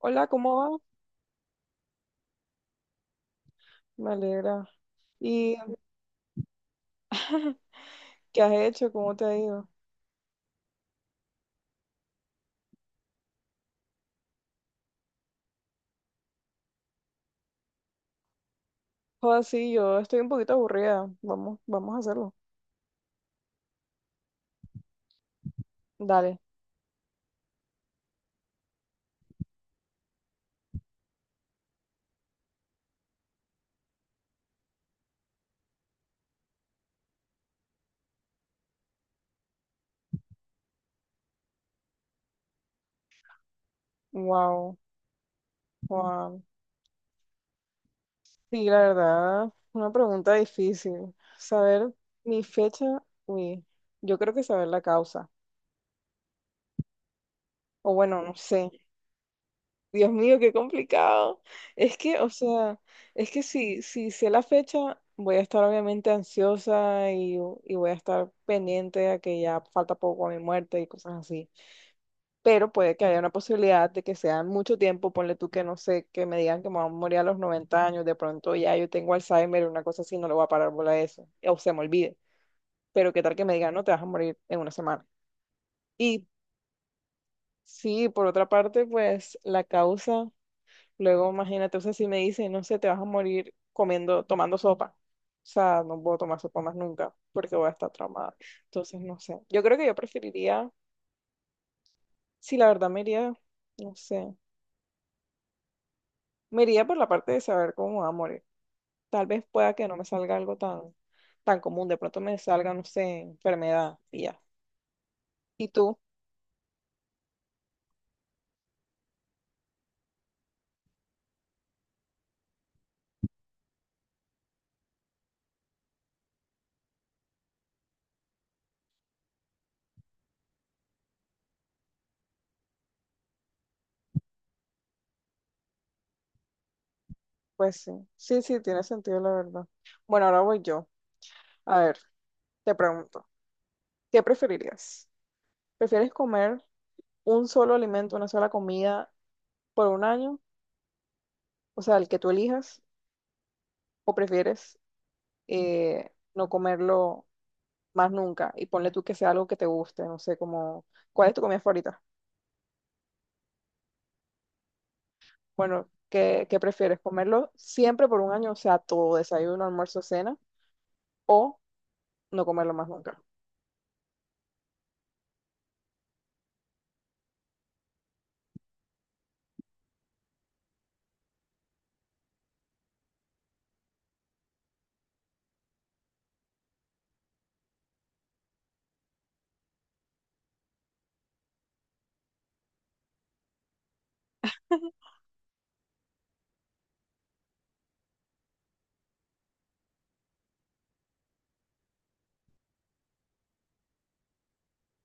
Hola, ¿cómo va? Me alegra. ¿Y qué has hecho? ¿Cómo te ha ido? Joder, sí, yo estoy un poquito aburrida. Vamos, vamos a hacerlo. Dale. Wow, Juan. Sí, la verdad, una pregunta difícil. Saber mi fecha, uy, yo creo que saber la causa. O bueno, no sé. Dios mío, qué complicado. Es que, o sea, es que si sé la fecha, voy a estar obviamente ansiosa y voy a estar pendiente a que ya falta poco a mi muerte y cosas así. Pero puede que haya una posibilidad de que sea en mucho tiempo, ponle tú que no sé, que me digan que me voy a morir a los 90 años, de pronto ya yo tengo Alzheimer o una cosa así, no le voy a parar bola a eso, o se me olvide. Pero qué tal que me digan, no, te vas a morir en una semana. Y sí, por otra parte, pues la causa. Luego, imagínate, o sea, si me dicen, no sé, te vas a morir comiendo, tomando sopa. O sea, no puedo tomar sopa más nunca porque voy a estar traumada. Entonces, no sé. Yo creo que yo preferiría, si la verdad me iría, no sé, me iría por la parte de saber cómo va a morir. Tal vez pueda que no me salga algo tan, tan común. De pronto me salga, no sé, enfermedad y ya. ¿Y tú? Pues sí. Sí, sí, tiene sentido, la verdad. Bueno, ahora voy yo. A ver, te pregunto, ¿qué preferirías? ¿Prefieres comer un solo alimento, una sola comida, por un año, o sea, el que tú elijas, o prefieres no comerlo más nunca y ponle tú que sea algo que te guste, no sé, como, ¿cuál es tu comida favorita? Bueno, ¿qué prefieres? ¿Comerlo siempre por un año, o sea, todo, desayuno, almuerzo, cena, o no comerlo más nunca?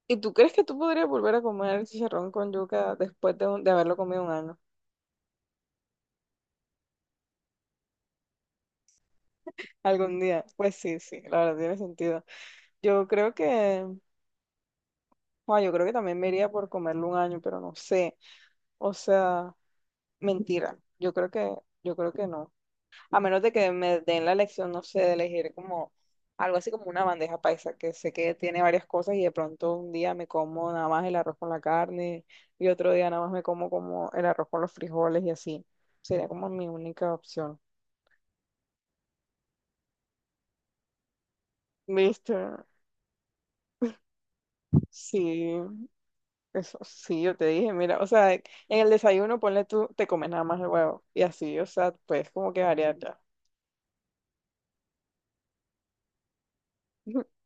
¿Y tú crees que tú podrías volver a comer el chicharrón con yuca después de haberlo comido un año? Algún día. Pues sí, sí, la verdad tiene sentido. Yo creo que, yo creo que también me iría por comerlo un año, pero no sé. O sea, mentira, yo creo que no. A menos de que me den la elección no sé, de elegir como algo así como una bandeja paisa, que sé que tiene varias cosas y de pronto un día me como nada más el arroz con la carne y otro día nada más me como el arroz con los frijoles y así. Sería como mi única opción. ¿Viste? Sí, eso sí, yo te dije, mira, o sea, en el desayuno ponle tú, te comes nada más el huevo y así, o sea, pues como que variar ya.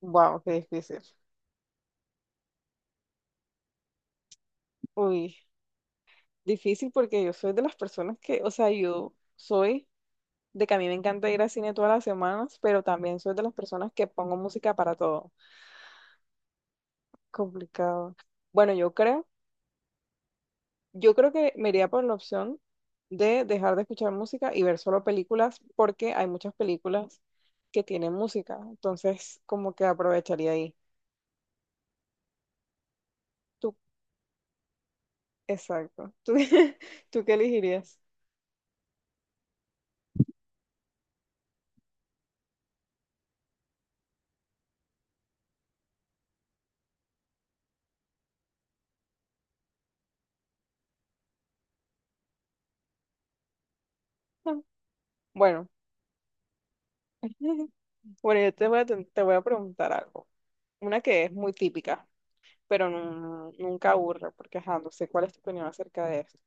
Wow, qué difícil. Uy. Difícil porque yo soy de las personas que, o sea, yo soy de que a mí me encanta ir al cine todas las semanas, pero también soy de las personas que pongo música para todo. Complicado. Bueno, yo creo que me iría por la opción de dejar de escuchar música y ver solo películas porque hay muchas películas que tienen música, entonces como que aprovecharía ahí. Tú, exacto. ¿Tú, tú qué elegirías? Ah, bueno, bueno, yo te voy a preguntar algo. Una que es muy típica, pero nunca aburre, porque ajá, no sé cuál es tu opinión acerca de esto.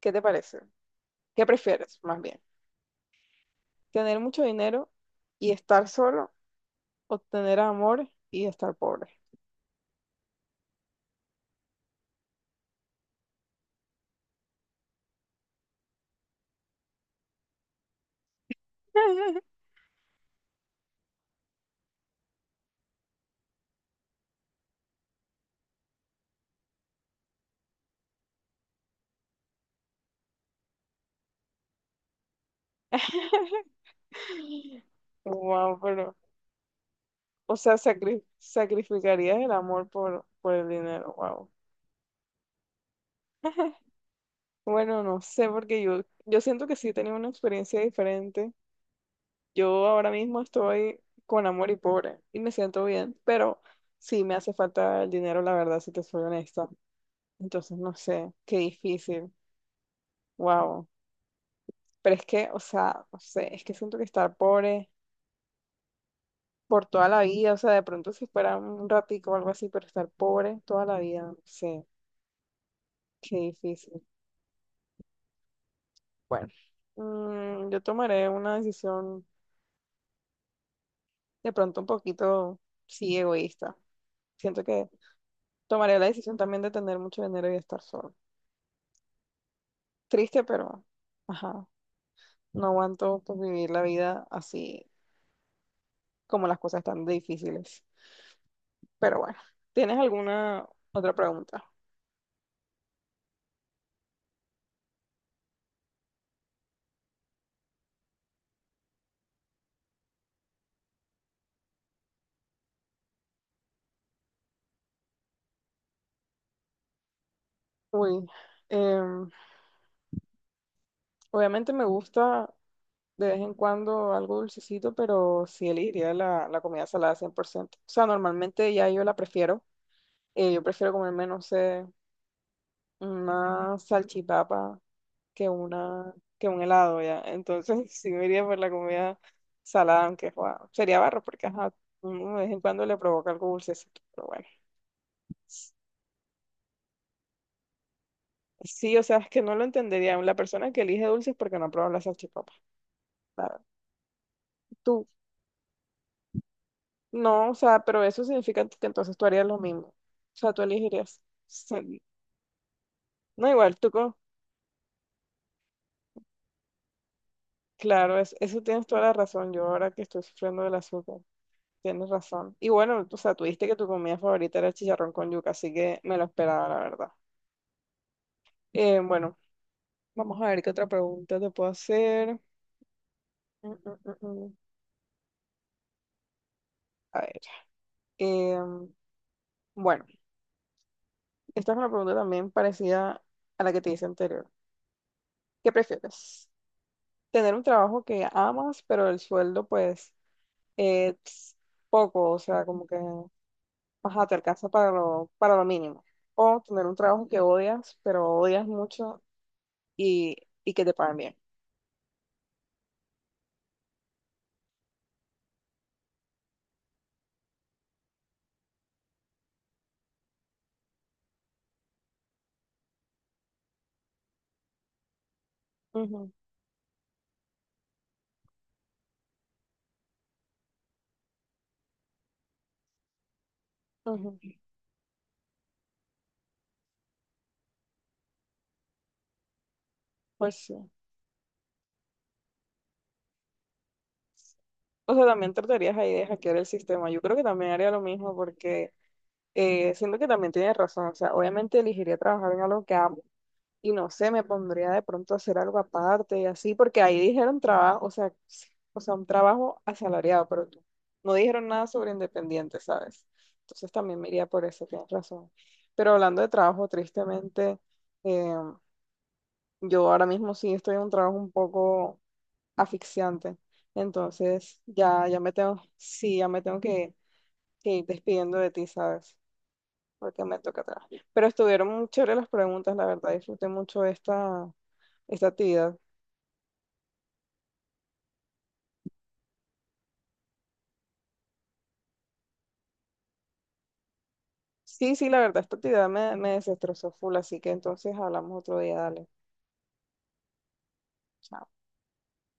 ¿Qué te parece? ¿Qué prefieres, más bien? ¿Tener mucho dinero y estar solo o tener amor y estar pobre? Wow, pero, o sea, sacrificarías el amor por el dinero, wow. Bueno, no sé, porque yo siento que sí he tenido una experiencia diferente. Yo ahora mismo estoy con amor y pobre y me siento bien, pero sí me hace falta el dinero, la verdad, si te soy honesta. Entonces, no sé, qué difícil. Wow. Pero es que, o sea, no sé, es que siento que estar pobre por toda la vida, o sea, de pronto si fuera un ratico o algo así, pero estar pobre toda la vida, no sé, qué difícil. Bueno, yo tomaré una decisión de pronto un poquito, sí, egoísta. Siento que tomaré la decisión también de tener mucho dinero y estar solo. Triste, pero, ajá, no aguanto pues, vivir la vida así como las cosas tan difíciles. Pero bueno, ¿tienes alguna otra pregunta? Uy, em, obviamente me gusta de vez en cuando algo dulcecito, pero sí elegiría la comida salada 100%. O sea, normalmente ya yo la prefiero. Yo prefiero comerme, no sé, una salchipapa que una, que un helado ya. Entonces sí me iría por la comida salada, aunque joa, sería barro, porque ajá, uno de vez en cuando le provoca algo dulcecito, pero bueno. Sí, o sea, es que no lo entendería. La persona que elige dulces porque no ha probado la salchipapa. Claro. Tú, no, o sea, pero eso significa que entonces tú harías lo mismo. O sea, tú elegirías. sal- No, igual, tú, claro, eso tienes toda la razón. Yo ahora que estoy sufriendo del azúcar. Tienes razón. Y bueno, o sea, tú dijiste que tu comida favorita era el chicharrón con yuca, así que me lo esperaba, la verdad. Bueno, vamos a ver qué otra pregunta te puedo hacer. Mm, mm, mm, mm. A ver. em, bueno, esta es una pregunta también parecida a la que te hice anterior. ¿Qué prefieres? ¿Tener un trabajo que amas, pero el sueldo, pues, es poco? O sea, como que, ajá, te alcanza para lo mínimo. O tener un trabajo que odias, pero odias mucho y, y que te paguen bien. Ujú, ujú. Pues sí. O sea, también tratarías ahí de hackear el sistema. Yo creo que también haría lo mismo porque siento que también tienes razón. O sea, obviamente elegiría trabajar en algo que amo y no sé, me pondría de pronto a hacer algo aparte y así, porque ahí dijeron trabajo, o sea, sí, o sea, un trabajo asalariado, pero no dijeron nada sobre independiente, ¿sabes? Entonces también me iría por eso, tienes razón. Pero hablando de trabajo, tristemente, eh, yo ahora mismo sí estoy en un trabajo un poco asfixiante. Entonces, sí, ya me tengo que ir despidiendo de ti, ¿sabes? Porque me toca atrás. Pero estuvieron muy chéveres las preguntas, la verdad, disfruté mucho esta, esta actividad. Sí, sí, la verdad, esta actividad me desestrozó full, así que entonces hablamos otro día, dale. Chao.